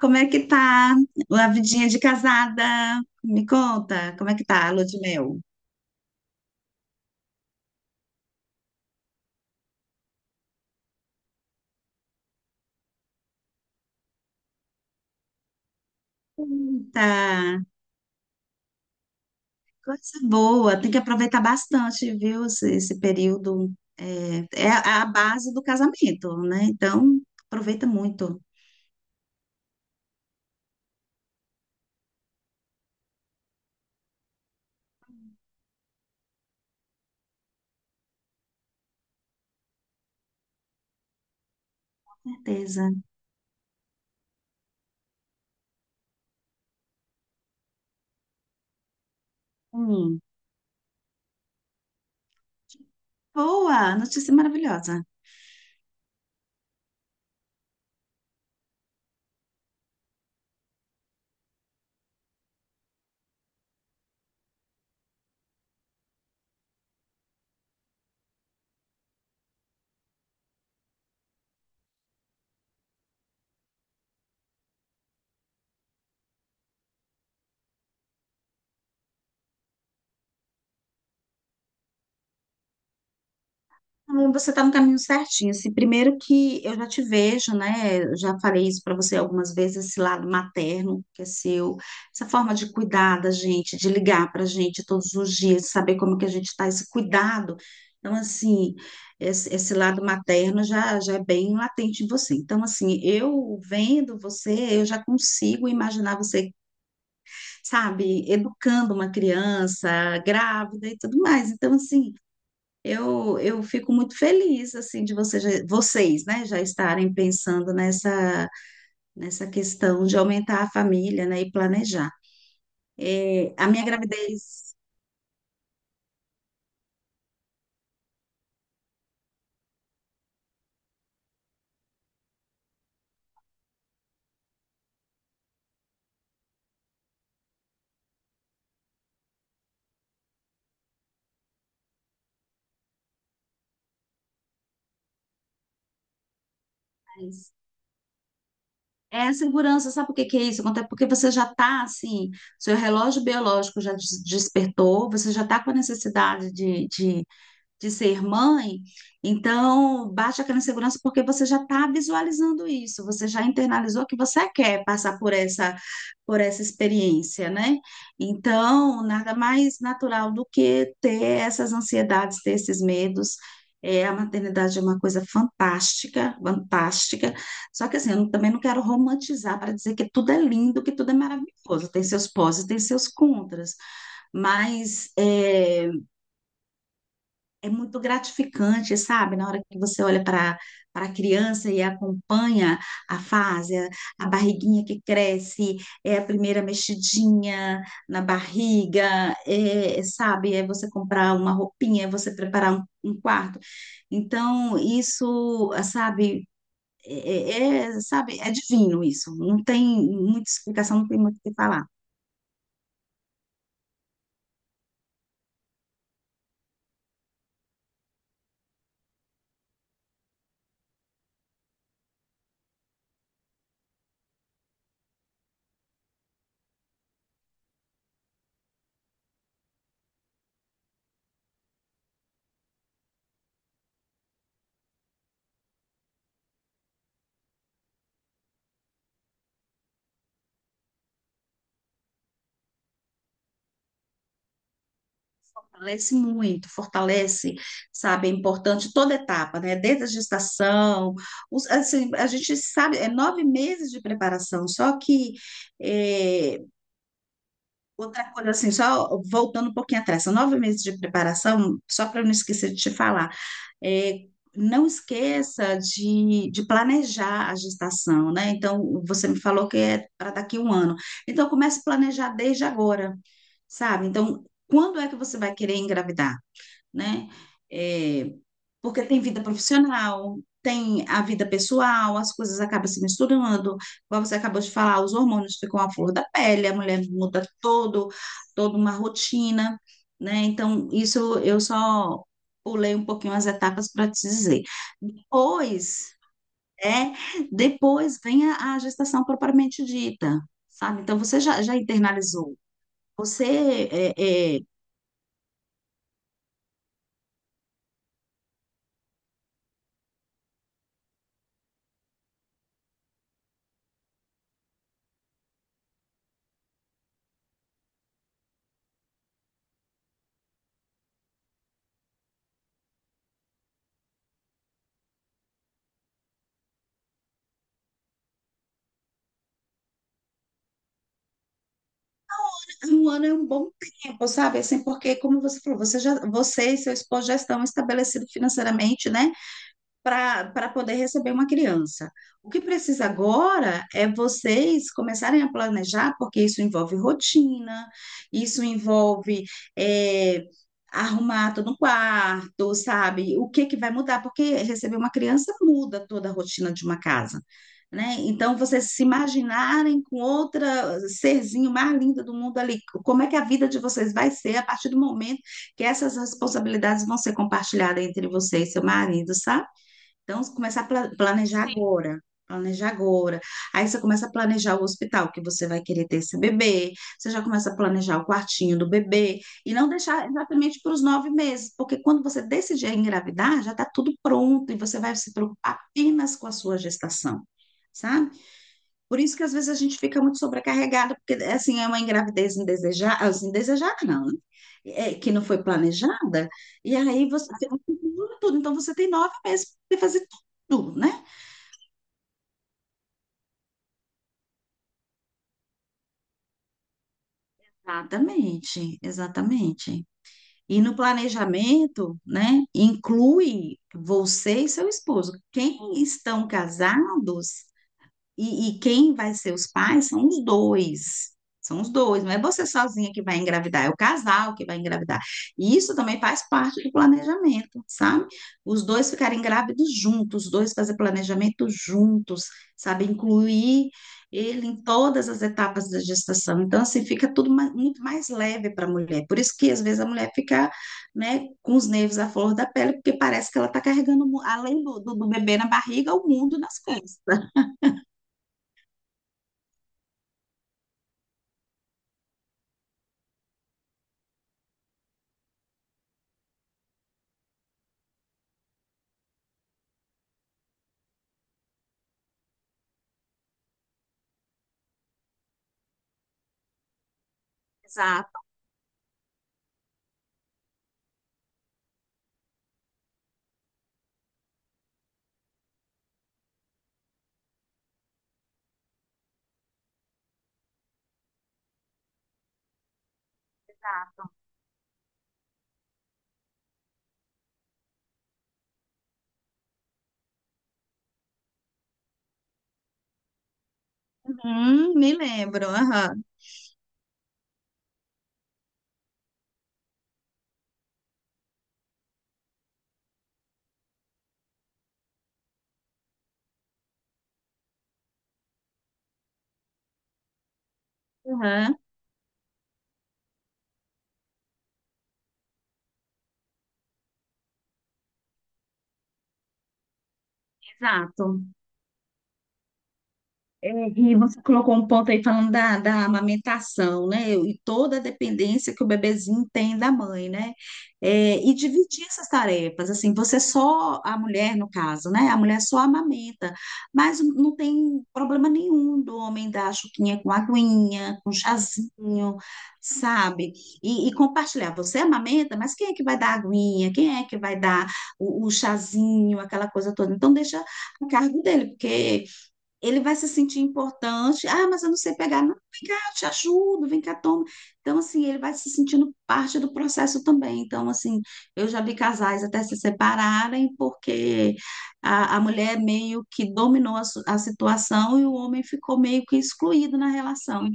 Como é que tá a vidinha de casada? Me conta, como é que tá a lua de mel? Eita, coisa boa. Tem que aproveitar bastante, viu? Esse período é a base do casamento, né? Então, aproveita muito. Com certeza. Hum. Boa, notícia maravilhosa. Não, você está no caminho certinho. Assim, primeiro que eu já te vejo, né? Eu já falei isso para você algumas vezes, esse lado materno que é seu, essa forma de cuidar da gente, de ligar para a gente todos os dias, saber como que a gente está, esse cuidado. Então, assim, esse lado materno já é bem latente em você. Então, assim, eu vendo você, eu já consigo imaginar você, sabe, educando uma criança grávida e tudo mais. Então, assim. Eu fico muito feliz assim de você, vocês, né, já estarem pensando nessa questão de aumentar a família, né, e planejar. É, a minha gravidez é a segurança, sabe por que que é isso? Acontece porque você já está assim, seu relógio biológico já despertou, você já está com a necessidade de ser mãe, então bate aquela insegurança porque você já está visualizando isso, você já internalizou que você quer passar por essa experiência, né? Então, nada mais natural do que ter essas ansiedades, ter esses medos. É, a maternidade é uma coisa fantástica, fantástica. Só que assim, eu não- também não quero romantizar para dizer que tudo é lindo, que tudo é maravilhoso. Tem seus pós e tem seus contras. Mas é muito gratificante, sabe? Na hora que você olha para a criança e acompanha a fase, a barriguinha que cresce, é a primeira mexidinha na barriga, sabe? É você comprar uma roupinha, é você preparar um quarto. Então, isso, ah, sabe, é, sabe, é divino isso. Não tem muita explicação, não tem muito o que falar. Fortalece muito, fortalece, sabe, é importante toda etapa, né? Desde a gestação, assim, a gente sabe, é 9 meses de preparação, só que é, outra coisa assim, só voltando um pouquinho atrás, são 9 meses de preparação, só para eu não esquecer de te falar, é, não esqueça de planejar a gestação, né? Então, você me falou que é para daqui um ano. Então, comece a planejar desde agora, sabe? Então, quando é que você vai querer engravidar? Né? É, porque tem vida profissional, tem a vida pessoal, as coisas acabam se misturando. Como você acabou de falar, os hormônios ficam à flor da pele, a mulher muda toda uma rotina, né? Então, isso eu só pulei um pouquinho as etapas para te dizer. Depois, é, depois vem a gestação propriamente dita, sabe? Então, você já internalizou. Você é, é, Um ano é um bom tempo, sabe? Assim, porque, como você falou, você e seu esposo já estão estabelecidos financeiramente, né? Para poder receber uma criança. O que precisa agora é vocês começarem a planejar, porque isso envolve rotina, isso envolve é, arrumar todo um quarto, sabe? O que que vai mudar? Porque receber uma criança muda toda a rotina de uma casa. Né? Então, vocês se imaginarem com outra serzinho mais linda do mundo ali, como é que a vida de vocês vai ser a partir do momento que essas responsabilidades vão ser compartilhadas entre você e seu marido, sabe? Então, você começa a planejar. Sim. Agora. Planejar agora. Aí você começa a planejar o hospital que você vai querer ter esse bebê. Você já começa a planejar o quartinho do bebê. E não deixar exatamente para os 9 meses, porque quando você decidir engravidar, já está tudo pronto e você vai se preocupar apenas com a sua gestação, sabe? Por isso que às vezes a gente fica muito sobrecarregada, porque assim é uma engravidez indesejada, assim, não, né? É, que não foi planejada, e aí você tem tudo, então você tem 9 meses para fazer tudo, né? Exatamente, exatamente. E no planejamento, né, inclui você e seu esposo. Quem estão casados. E quem vai ser os pais são os dois. São os dois, não é você sozinha que vai engravidar, é o casal que vai engravidar. E isso também faz parte do planejamento, sabe? Os dois ficarem grávidos juntos, os dois fazer planejamento juntos, sabe? Incluir ele em todas as etapas da gestação. Então, assim, fica tudo muito mais leve para a mulher. Por isso que, às vezes, a mulher fica, né, com os nervos à flor da pele, porque parece que ela está carregando, além do bebê na barriga, o mundo nas costas. Exato. Me lembro. Aham, aham, exato. É, E você colocou um ponto aí falando da amamentação, né? E toda a dependência que o bebezinho tem da mãe, né? E dividir essas tarefas, assim, você é só, a mulher no caso, né? A mulher só amamenta, mas não tem problema nenhum do homem dar a chuquinha com aguinha, com chazinho, sabe? E compartilhar, você amamenta, mas quem é que vai dar a aguinha? Quem é que vai dar o chazinho, aquela coisa toda? Então, deixa a cargo dele, porque ele vai se sentir importante. Ah, mas eu não sei pegar. Não, vem cá, eu te ajudo, vem cá, toma. Então, assim, ele vai se sentindo parte do processo também. Então, assim, eu já vi casais até se separarem porque a mulher meio que dominou a situação e o homem ficou meio que excluído na relação.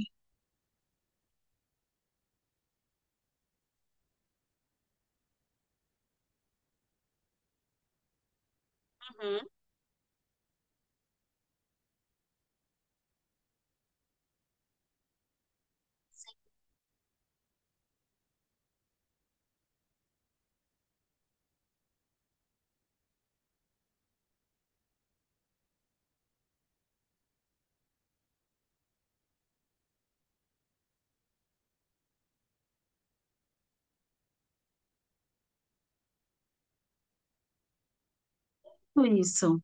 Isso.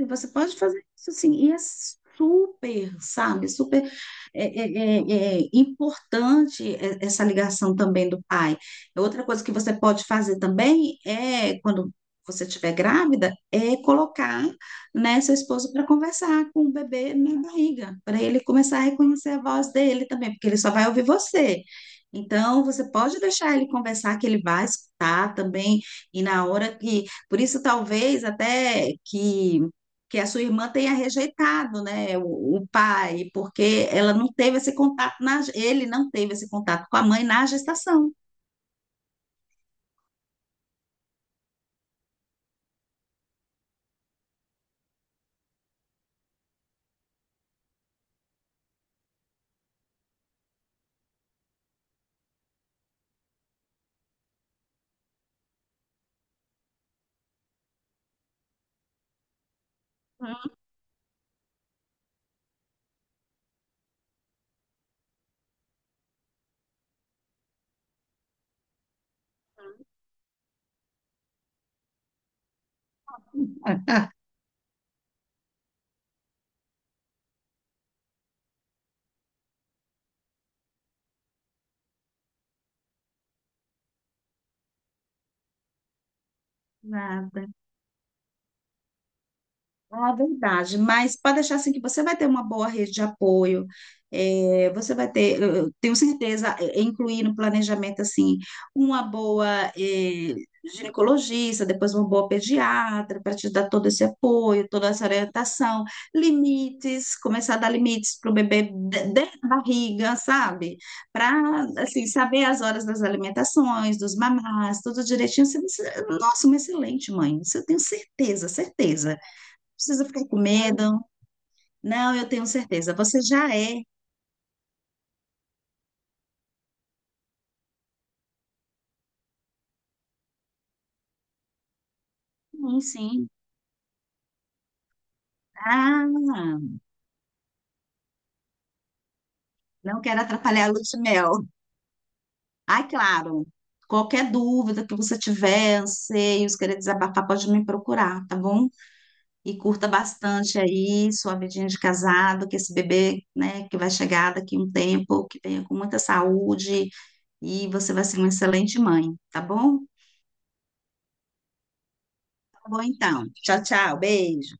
E você pode fazer isso assim e é super, sabe, super é, é, é importante essa ligação também do pai. Outra coisa que você pode fazer também é, quando você estiver grávida, é colocar, né, seu esposo para conversar com o bebê na barriga, para ele começar a reconhecer a voz dele também, porque ele só vai ouvir você. Então, você pode deixar ele conversar, que ele vai escutar também, e na hora que. Por isso, talvez até que a sua irmã tenha rejeitado, né, o pai, porque ela não teve esse contato ele não teve esse contato com a mãe na gestação. Nada. Ah, verdade, mas pode deixar assim que você vai ter uma boa rede de apoio, você vai ter, eu tenho certeza, incluir no planejamento assim uma boa eh, ginecologista, depois uma boa pediatra para te dar todo esse apoio, toda essa orientação, limites, começar a dar limites para o bebê dentro da barriga, sabe? Para assim saber as horas das alimentações, dos mamás, tudo direitinho. Nossa, uma excelente mãe, isso eu tenho certeza, certeza, precisa ficar com medo. Não, eu tenho certeza. Você já é. Sim, sim. Ah, não quero atrapalhar a lua de mel. Ah, claro. Qualquer dúvida que você tiver, anseios, querer desabafar, pode me procurar, tá bom? E curta bastante aí sua vidinha de casado, que esse bebê, né, que vai chegar daqui um tempo, que venha com muita saúde e você vai ser uma excelente mãe, tá bom? Tá bom, então. Tchau, tchau. Beijo.